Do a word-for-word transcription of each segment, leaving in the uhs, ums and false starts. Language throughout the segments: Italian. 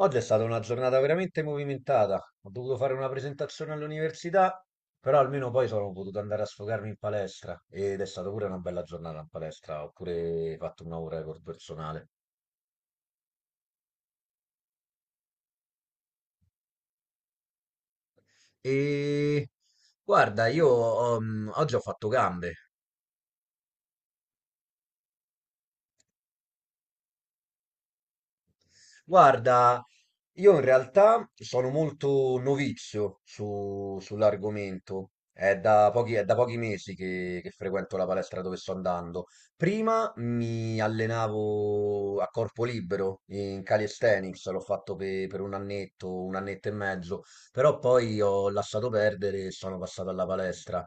Oggi è stata una giornata veramente movimentata. Ho dovuto fare una presentazione all'università, però almeno poi sono potuto andare a sfogarmi in palestra ed è stata pure una bella giornata in palestra. Ho pure fatto una ora di record personale. E guarda, io um, oggi ho fatto gambe. Guarda, io in realtà sono molto novizio su- sull'argomento. È da pochi, è da pochi mesi che, che frequento la palestra dove sto andando. Prima mi allenavo a corpo libero in calisthenics, l'ho fatto pe- per un annetto, un annetto e mezzo, però poi ho lasciato perdere e sono passato alla palestra.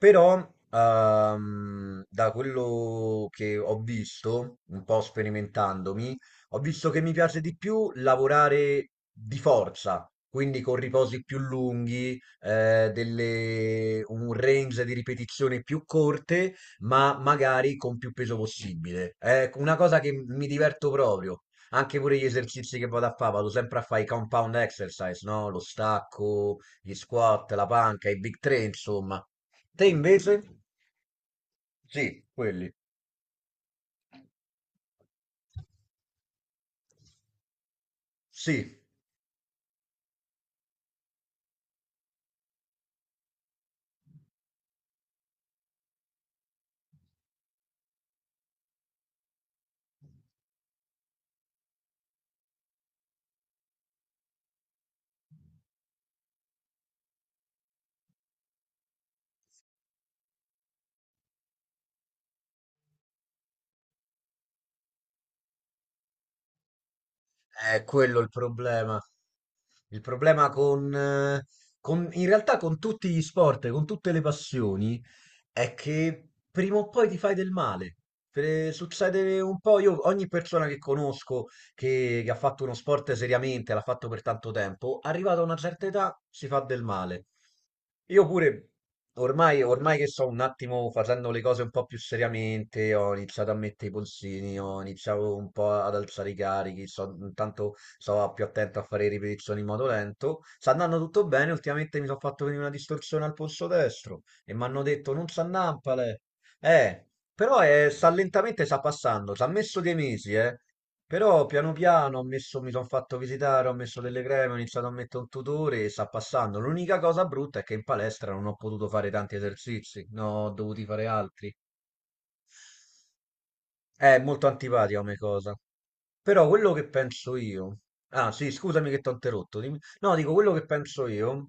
Però, ehm, da quello che ho visto, un po' sperimentandomi, ho visto che mi piace di più lavorare di forza, quindi con riposi più lunghi, eh, delle- un range di ripetizioni più corte, ma magari con più peso possibile. È una cosa che mi diverto proprio. Anche pure gli esercizi che vado a fare, vado sempre a fare i compound exercise, no? Lo stacco, gli squat, la panca, i big three, insomma. Te invece? Sì, quelli. Sì. È quello il problema. Il problema con, eh, con- in realtà con tutti gli sport, con tutte le passioni, è che prima o poi ti fai del male. Te- Succede un po', io ogni persona che conosco che, che ha fatto uno sport seriamente, l'ha fatto per tanto tempo, arrivata a una certa età si fa del male. Io pure, ormai, ormai che sto un attimo facendo le cose un po' più seriamente, ho iniziato a mettere i polsini, ho iniziato un po' ad alzare i carichi, sto, intanto sto più attento a fare ripetizioni in modo lento. Sta andando tutto bene, ultimamente mi sono fatto venire una distorsione al polso destro e mi hanno detto non sa nampale. Eh, però eh, sta lentamente, sta passando, ci ha messo dei mesi, eh. Però piano piano ho messo, mi sono fatto visitare, ho messo delle creme, ho iniziato a mettere un tutore e sta passando. L'unica cosa brutta è che in palestra non ho potuto fare tanti esercizi, ne ho dovuti fare altri. È molto antipatica come cosa. Però quello che penso io. Ah, sì, scusami che ti ho interrotto. dimmi- No, dico quello che penso io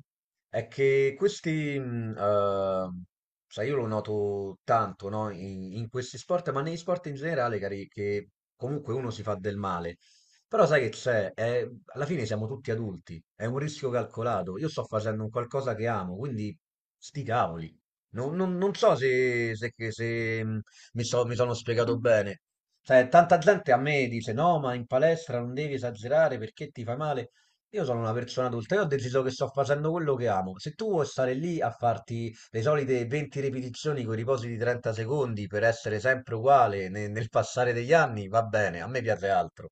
è che questi. mh, eh, sai, io lo noto tanto, no? In, in questi sport, ma negli sport in generale, cari, che comunque uno si fa del male. Però sai che c'è? È- alla fine siamo tutti adulti, è un rischio calcolato. Io sto facendo un qualcosa che amo, quindi sti cavoli. Non, non- non so se, se, se, se, mh, mi, so- mi sono spiegato bene. Cioè, tanta gente a me dice: No, ma in palestra non devi esagerare perché ti fai male. Io sono una persona adulta, io ho deciso che sto facendo quello che amo. Se tu vuoi stare lì a farti le solite venti ripetizioni con i riposi di trenta secondi per essere sempre uguale ne- nel passare degli anni, va bene, a me piace altro.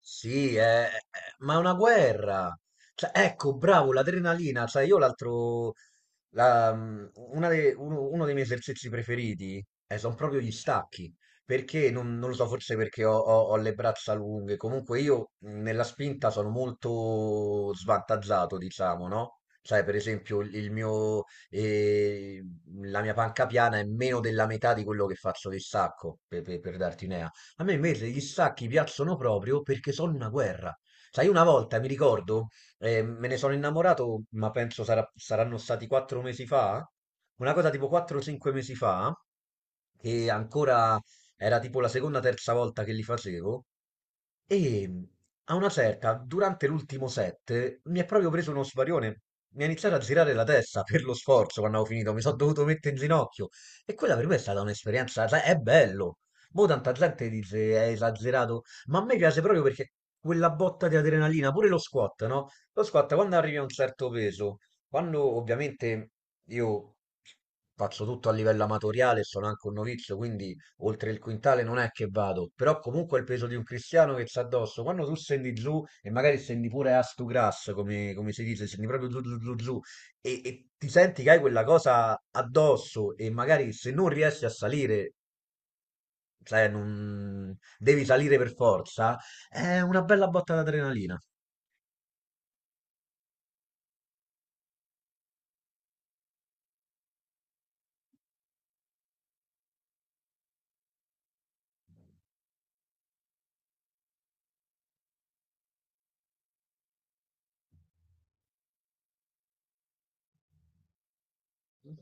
Sì, è- è- ma è una guerra. Cioè, ecco, bravo, l'adrenalina. Cioè, io l'altro... la- mm, una de- uno, uno dei miei esercizi preferiti sono proprio gli stacchi. Perché, non, non lo so, forse perché ho, ho- ho le braccia lunghe. Comunque io mm, nella spinta sono molto svantaggiato, diciamo, no? Cioè, per esempio, il il mio, eh, la mia panca piana è meno della metà di quello che faccio di stacco, per per- per darti un'idea. A me invece gli stacchi piacciono proprio perché sono una guerra. Sai, una volta mi ricordo, eh, me ne sono innamorato, ma penso sarà- saranno stati quattro mesi fa, una cosa tipo quattro cinque mesi fa, che ancora era tipo la seconda, o terza volta che li facevo, e mm, a una certa, durante l'ultimo set, mi è proprio preso uno svarione. Mi ha iniziato a girare la testa per lo sforzo quando avevo finito, mi sono dovuto mettere in ginocchio. E quella per me è stata un'esperienza, sai, è bello. Mo' tanta gente dice è esagerato, ma a me piace proprio perché quella botta di adrenalina, pure lo squat, no? Lo squat quando arrivi a un certo peso, quando ovviamente io faccio tutto a livello amatoriale, sono anche un novizio, quindi oltre il quintale non è che vado, però comunque è il peso di un cristiano che c'ha addosso, quando tu scendi giù e magari scendi pure a stu grass, come, come si dice, scendi proprio giù giù giù giù e, e ti senti che hai quella cosa addosso e magari se non riesci a salire, cioè non devi salire per forza, è una bella botta d'adrenalina.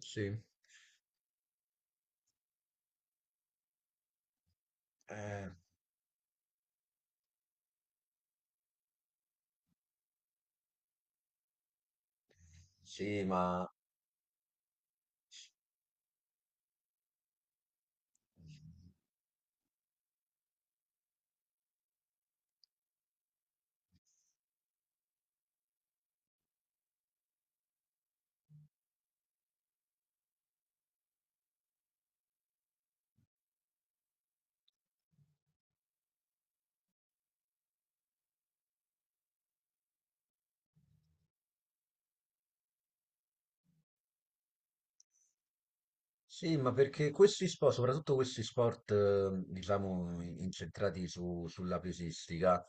Sì. Eh, sì, ma Sì, ma perché questi sport, soprattutto questi sport, eh, diciamo, incentrati su- sulla pesistica,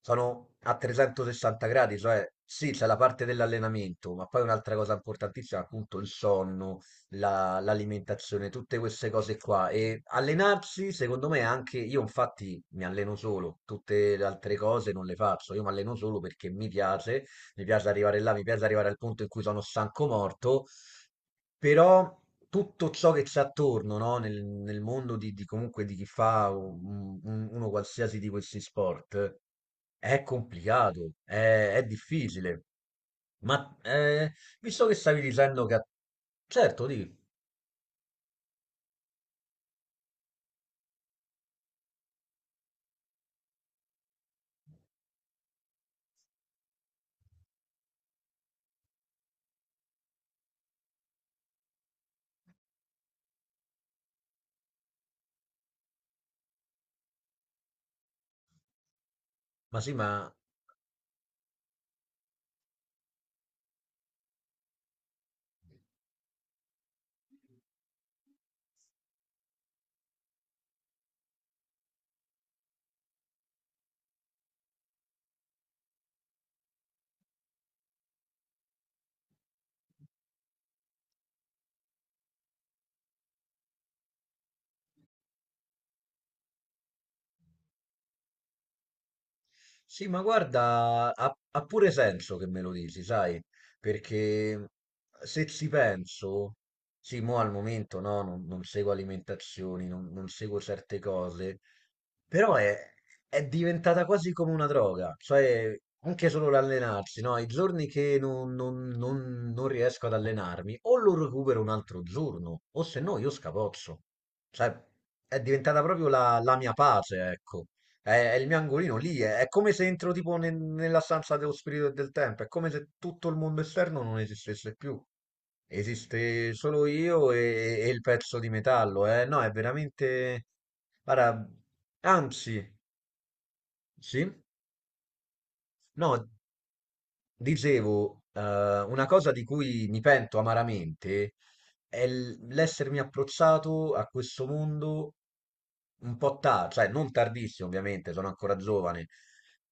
sono a trecentosessanta gradi, cioè sì, c'è la parte dell'allenamento, ma poi un'altra cosa importantissima, appunto, il sonno, la- l'alimentazione, tutte queste cose qua. E allenarsi, secondo me, è anche io infatti mi alleno solo, tutte le altre cose non le faccio, io mi alleno solo perché mi piace, mi piace arrivare là, mi piace arrivare al punto in cui sono stanco morto, però tutto ciò che c'è attorno, no? Nel, nel mondo di, di comunque di chi fa un- un- uno qualsiasi di questi sport è complicato, è, è difficile. Ma eh, visto che stavi dicendo che... a- Certo, di, ma sì, ma Sì, ma guarda, ha, ha pure senso che me lo dici, sai, perché mhmm, se ci penso, sì, mo al momento no, non, non seguo alimentazioni, non, non seguo certe cose, però è, è diventata quasi come una droga, cioè anche solo l'allenarsi, no? I giorni che non, non- non- non riesco ad allenarmi, o lo recupero un altro giorno, o se no io scapozzo, cioè è diventata proprio la la mia pace, ecco. È, è il mio angolino lì, è, è come se entro tipo nel- nella stanza dello spirito e del tempo, è come se tutto il mondo esterno non esistesse più. Esiste solo io e, e il pezzo di metallo, eh? No, è veramente... Guarda, anzi, sì? No. Dicevo, eh, una cosa di cui mi pento amaramente è l- l'essermi approcciato a questo mondo un po' tardi, cioè non tardissimo ovviamente, sono ancora giovane,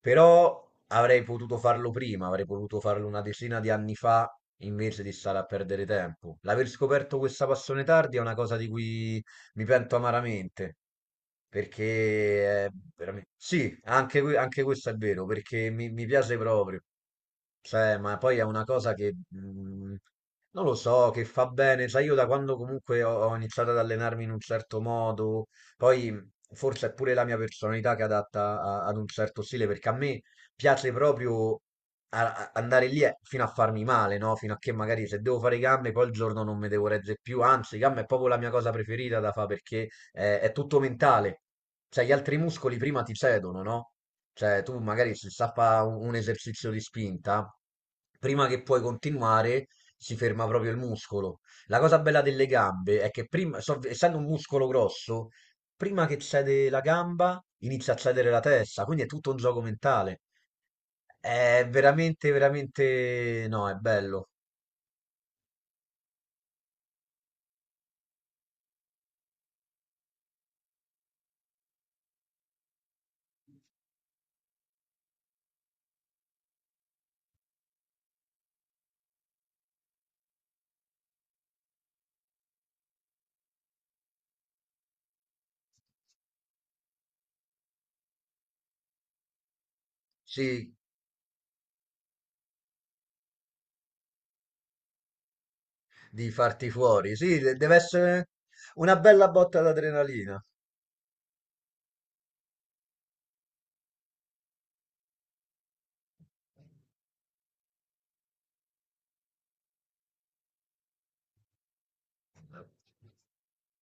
però avrei potuto farlo prima, avrei potuto farlo una decina di anni fa invece di stare a perdere tempo. L'aver scoperto questa passione tardi è una cosa di cui mi pento amaramente. Perché è veramente... Sì, anche, que- anche questo è vero, perché mi, mi piace proprio. Cioè, ma poi è una cosa che mh, non lo so, che fa bene. Sai, io da quando comunque ho, ho iniziato ad allenarmi in un certo modo, poi mh, forse è pure la mia personalità che è adatta a- ad un certo stile, perché a me piace proprio a- a- andare lì è- fino a farmi male, no? Fino a che magari se devo fare i gambe, poi il giorno non mi devo reggere più. Anzi, i gambe è proprio la mia cosa preferita da fare perché eh, è tutto mentale. Cioè, gli altri muscoli prima ti cedono, no? Cioè, tu magari se sa fa un un esercizio di spinta, prima che puoi continuare, si ferma proprio il muscolo. La cosa bella delle gambe è che prima, so- essendo un muscolo grosso, prima che cede la gamba, inizia a cedere la testa, quindi è tutto un gioco mentale. È veramente, veramente, no, è bello. Sì, di farti fuori. Sì, de- deve essere una bella botta d'adrenalina.